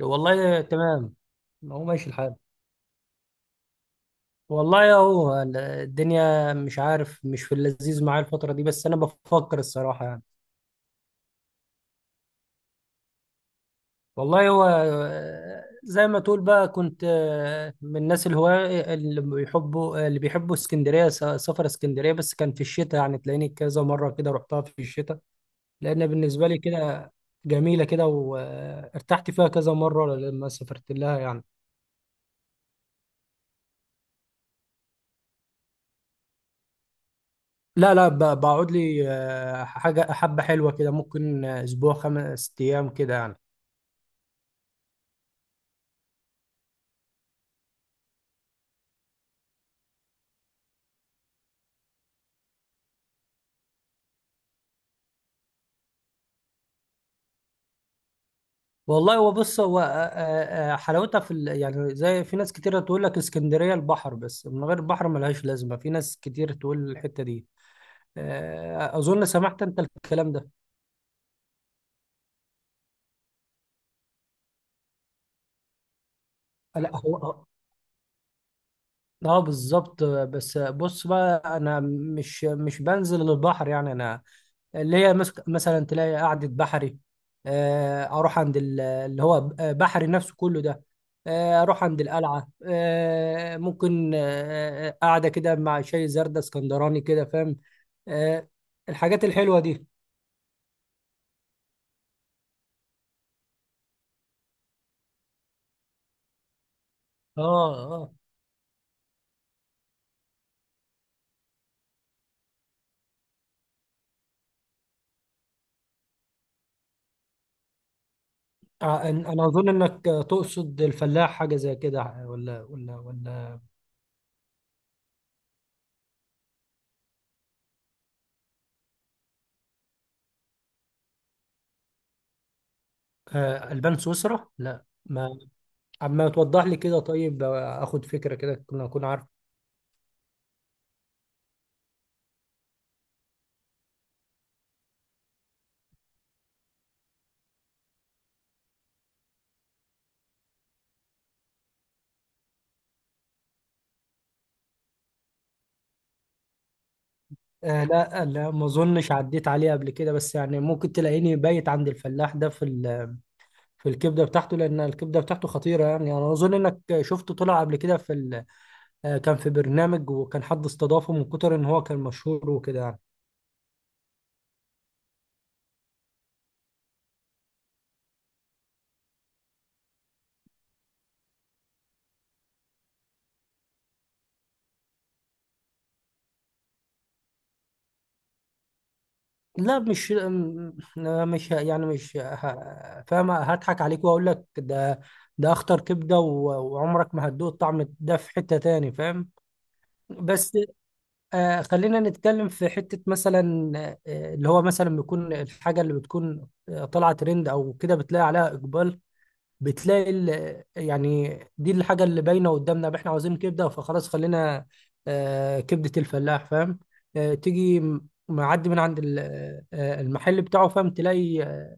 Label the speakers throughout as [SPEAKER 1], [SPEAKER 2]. [SPEAKER 1] والله تمام. هو ماشي الحال، والله اهو. الدنيا مش عارف، مش في اللذيذ معايا الفترة دي، بس انا بفكر الصراحة يعني. والله هو، زي ما تقول بقى، كنت من الناس الهواة اللي بيحبوا اسكندرية، سفر اسكندرية، بس كان في الشتاء يعني. تلاقيني كذا مرة كده رحتها في الشتاء، لأن بالنسبة لي كده جميلة كده، وارتحت فيها كذا مرة لما سافرت لها يعني. لا، لا، بقعد لي حاجة حبة حلوة كده، ممكن أسبوع 5 أيام كده يعني. والله هو، بص، هو حلاوتها يعني، زي في ناس كتيرة تقول لك اسكندرية البحر بس، من غير البحر ملهاش لازمة، في ناس كتير تقول الحتة دي. أظن سمعت أنت الكلام ده. لا، هو. اه، بالظبط. بس بص بقى، انا مش بنزل البحر يعني، انا اللي هي مثلا تلاقي قعدة بحري. اروح عند اللي هو بحري نفسه كله ده. اروح عند القلعة، ممكن قاعدة كده مع شاي زردة اسكندراني كده، فاهم؟ آه، الحاجات الحلوة دي. اه، اه. انا اظن انك تقصد الفلاح، حاجة زي كده، ولا؟ البان سويسرا، لا ما، اما توضح لي كده. طيب، اخد فكرة كده، كنا اكون عارف. لا، لا ما اظنش عديت عليه قبل كده، بس يعني ممكن تلاقيني بايت عند الفلاح ده في الكبدة بتاعته، لان الكبدة بتاعته خطيرة يعني. يعني انا اظن انك شفته طلع قبل كده كان في برنامج، وكان حد استضافه من كتر ان هو كان مشهور وكده يعني. لا، مش م- لا، مش ه- يعني مش ه- فاهم؟ هضحك عليك واقول لك ده؟ ده اخطر كبدة، وعمرك ما هتدوق الطعم ده في حتة تاني، فاهم؟ بس، خلينا نتكلم في حتة مثلا. اللي هو مثلا بيكون الحاجة اللي بتكون طالعة ترند أو كده، بتلاقي عليها إقبال. يعني دي الحاجة اللي باينة قدامنا، إحنا عاوزين كبدة، فخلاص خلينا كبدة الفلاح، فاهم؟ تيجي معدي من عند المحل بتاعه، فاهم، تلاقي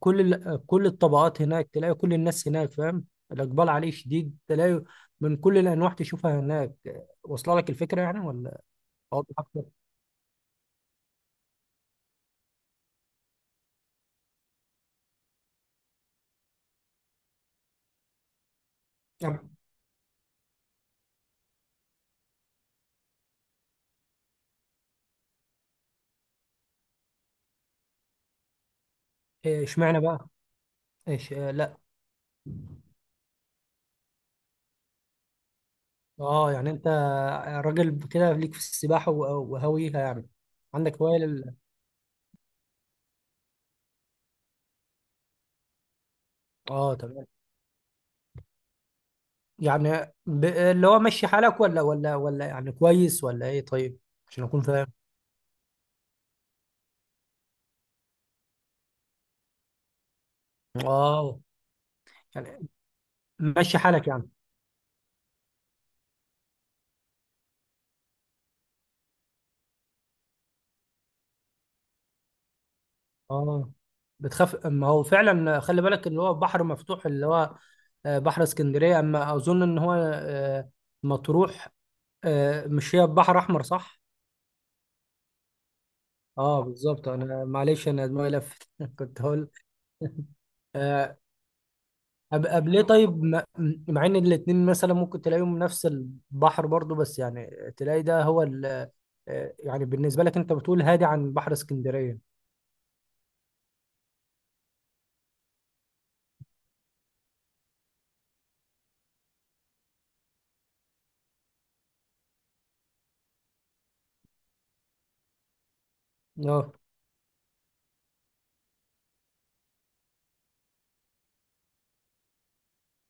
[SPEAKER 1] كل كل الطبقات هناك، تلاقي كل الناس هناك، فاهم؟ الإقبال عليه شديد، تلاقي من كل الأنواع تشوفها هناك، واصلة لك الفكرة يعني، ولا أوضح أكتر؟ إيه، اشمعنى بقى؟ ايش؟ لا. اه، يعني انت راجل كده ليك في السباحه وهاويها يعني؟ عندك هوايه؟ اه، تمام. يعني اللي هو ماشي حالك، ولا يعني كويس ولا ايه، طيب؟ عشان اكون فاهم. اه، يعني ماشي حالك يعني. اه، بتخاف. ما هو فعلا خلي بالك، اللي هو بحر مفتوح، اللي هو بحر اسكندريه، اما اظن ان هو مطروح، مش هي بحر احمر، صح؟ اه، بالظبط. انا معلش، انا دماغي لفت كنت هقول. آه، قبل ليه، طيب؟ مع ان الاتنين مثلا ممكن تلاقيهم نفس البحر برضو، بس يعني تلاقي ده هو يعني بالنسبه لك انت بتقول هادي عن بحر اسكندريه؟ اه،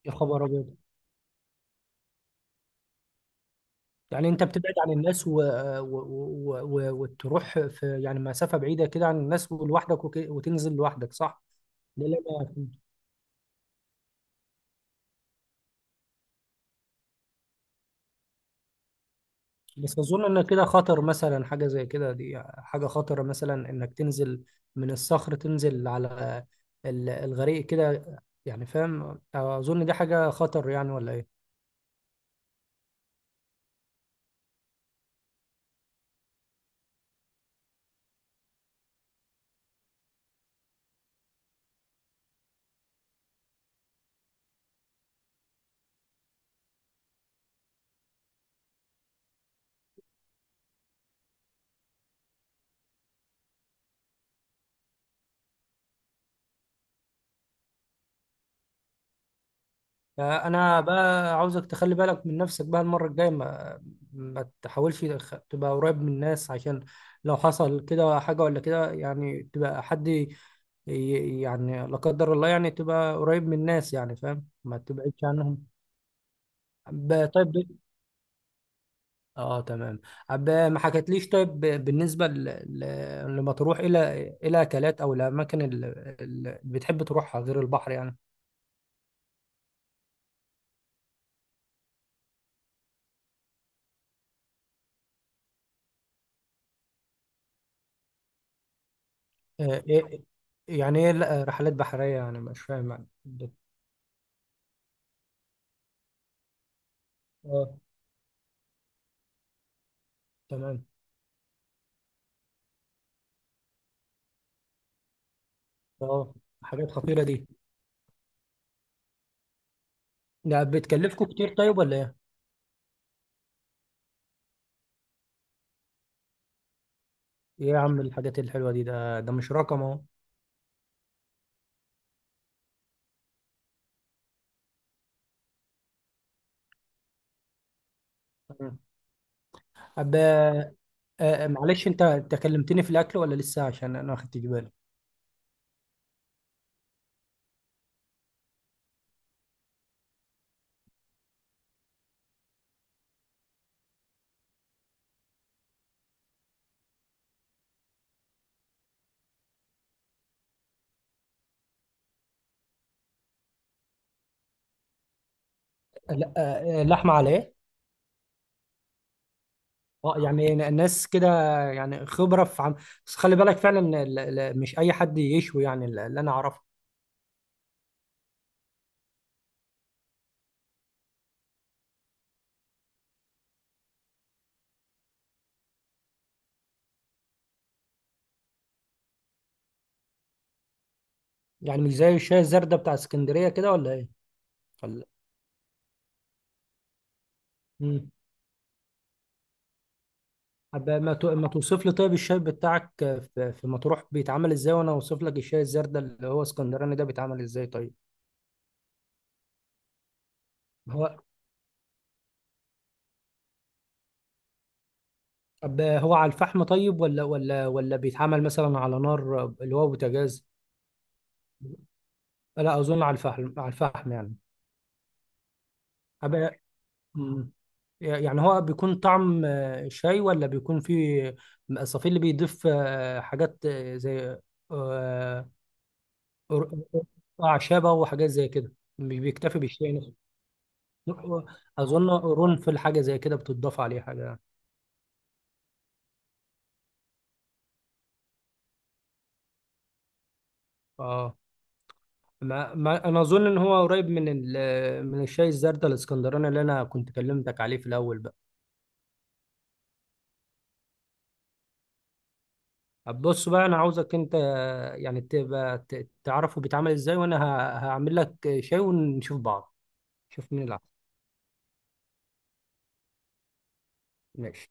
[SPEAKER 1] يا خبر ابيض! يعني انت بتبعد عن الناس، وتروح في يعني مسافه بعيده كده عن الناس ولوحدك، وتنزل لوحدك، صح؟ لا، لا، لا. بس اظن ان كده خطر، مثلا حاجه زي كده، دي حاجه خطره، مثلا انك تنزل من الصخر تنزل على الغريق كده، يعني فاهم، اظن دي حاجه خطر يعني، ولا ايه؟ انا بقى عاوزك تخلي بالك من نفسك بقى المره الجايه، ما تحاولش تبقى قريب من الناس، عشان لو حصل كده حاجه ولا كده يعني، تبقى حد يعني لا قدر الله، يعني تبقى قريب من الناس يعني، فاهم، ما تبعدش عنهم. طيب، اه، تمام. عب، ما حكتليش. طيب، بالنسبه لمطروح، الى اكلات او الاماكن اللي بتحب تروحها غير البحر يعني؟ آه إيه... يعني ايه؟ لا، رحلات بحريه، يعني مش فاهم يعني، اه، تمام. اه، حاجات خطيره دي، ده بتكلفكم كتير طيب، ولا ايه؟ ايه يا عم، الحاجات الحلوه دي، ده مش رقم اهو. تمام. عب، معلش، انت كلمتني في الاكل ولا لسه؟ عشان انا ما خدتش بالي. لا، لحمه على ايه؟ اه، يعني ناس كده، يعني خبرة في بس خلي بالك فعلا، مش أي حد يشوي يعني، اللي أنا أعرفه. يعني مش زي الشاي الزردة بتاع اسكندرية كده، ولا إيه؟ ولا. مم. طب، ما توصف لي طيب الشاي بتاعك في مطروح بيتعمل إزاي، وأنا أوصف لك الشاي الزردة اللي هو اسكندراني ده بيتعمل إزاي، طيب؟ هو، طب هو على الفحم طيب، ولا بيتعمل مثلا على نار اللي هو بوتاجاز؟ لا، أظن على الفحم، على الفحم، يعني. مم. يعني هو بيكون طعم شاي، ولا بيكون فيه الصفي اللي بيضيف حاجات زي آه، أر- أعشابة وحاجات زي كده، مش بيكتفي بالشاي نفسه؟ أظن قرنفل، حاجة زي كده بتضاف عليه حاجة يعني. اه، ما أنا أظن إن هو قريب من الشاي الزردة الإسكندراني اللي أنا كنت كلمتك عليه في الأول بقى. طب بص بقى، أنا عاوزك أنت يعني تبقى تعرفه بيتعمل إزاي، وأنا هعمل لك شاي ونشوف بعض، شوف مين اللي عصب. ماشي.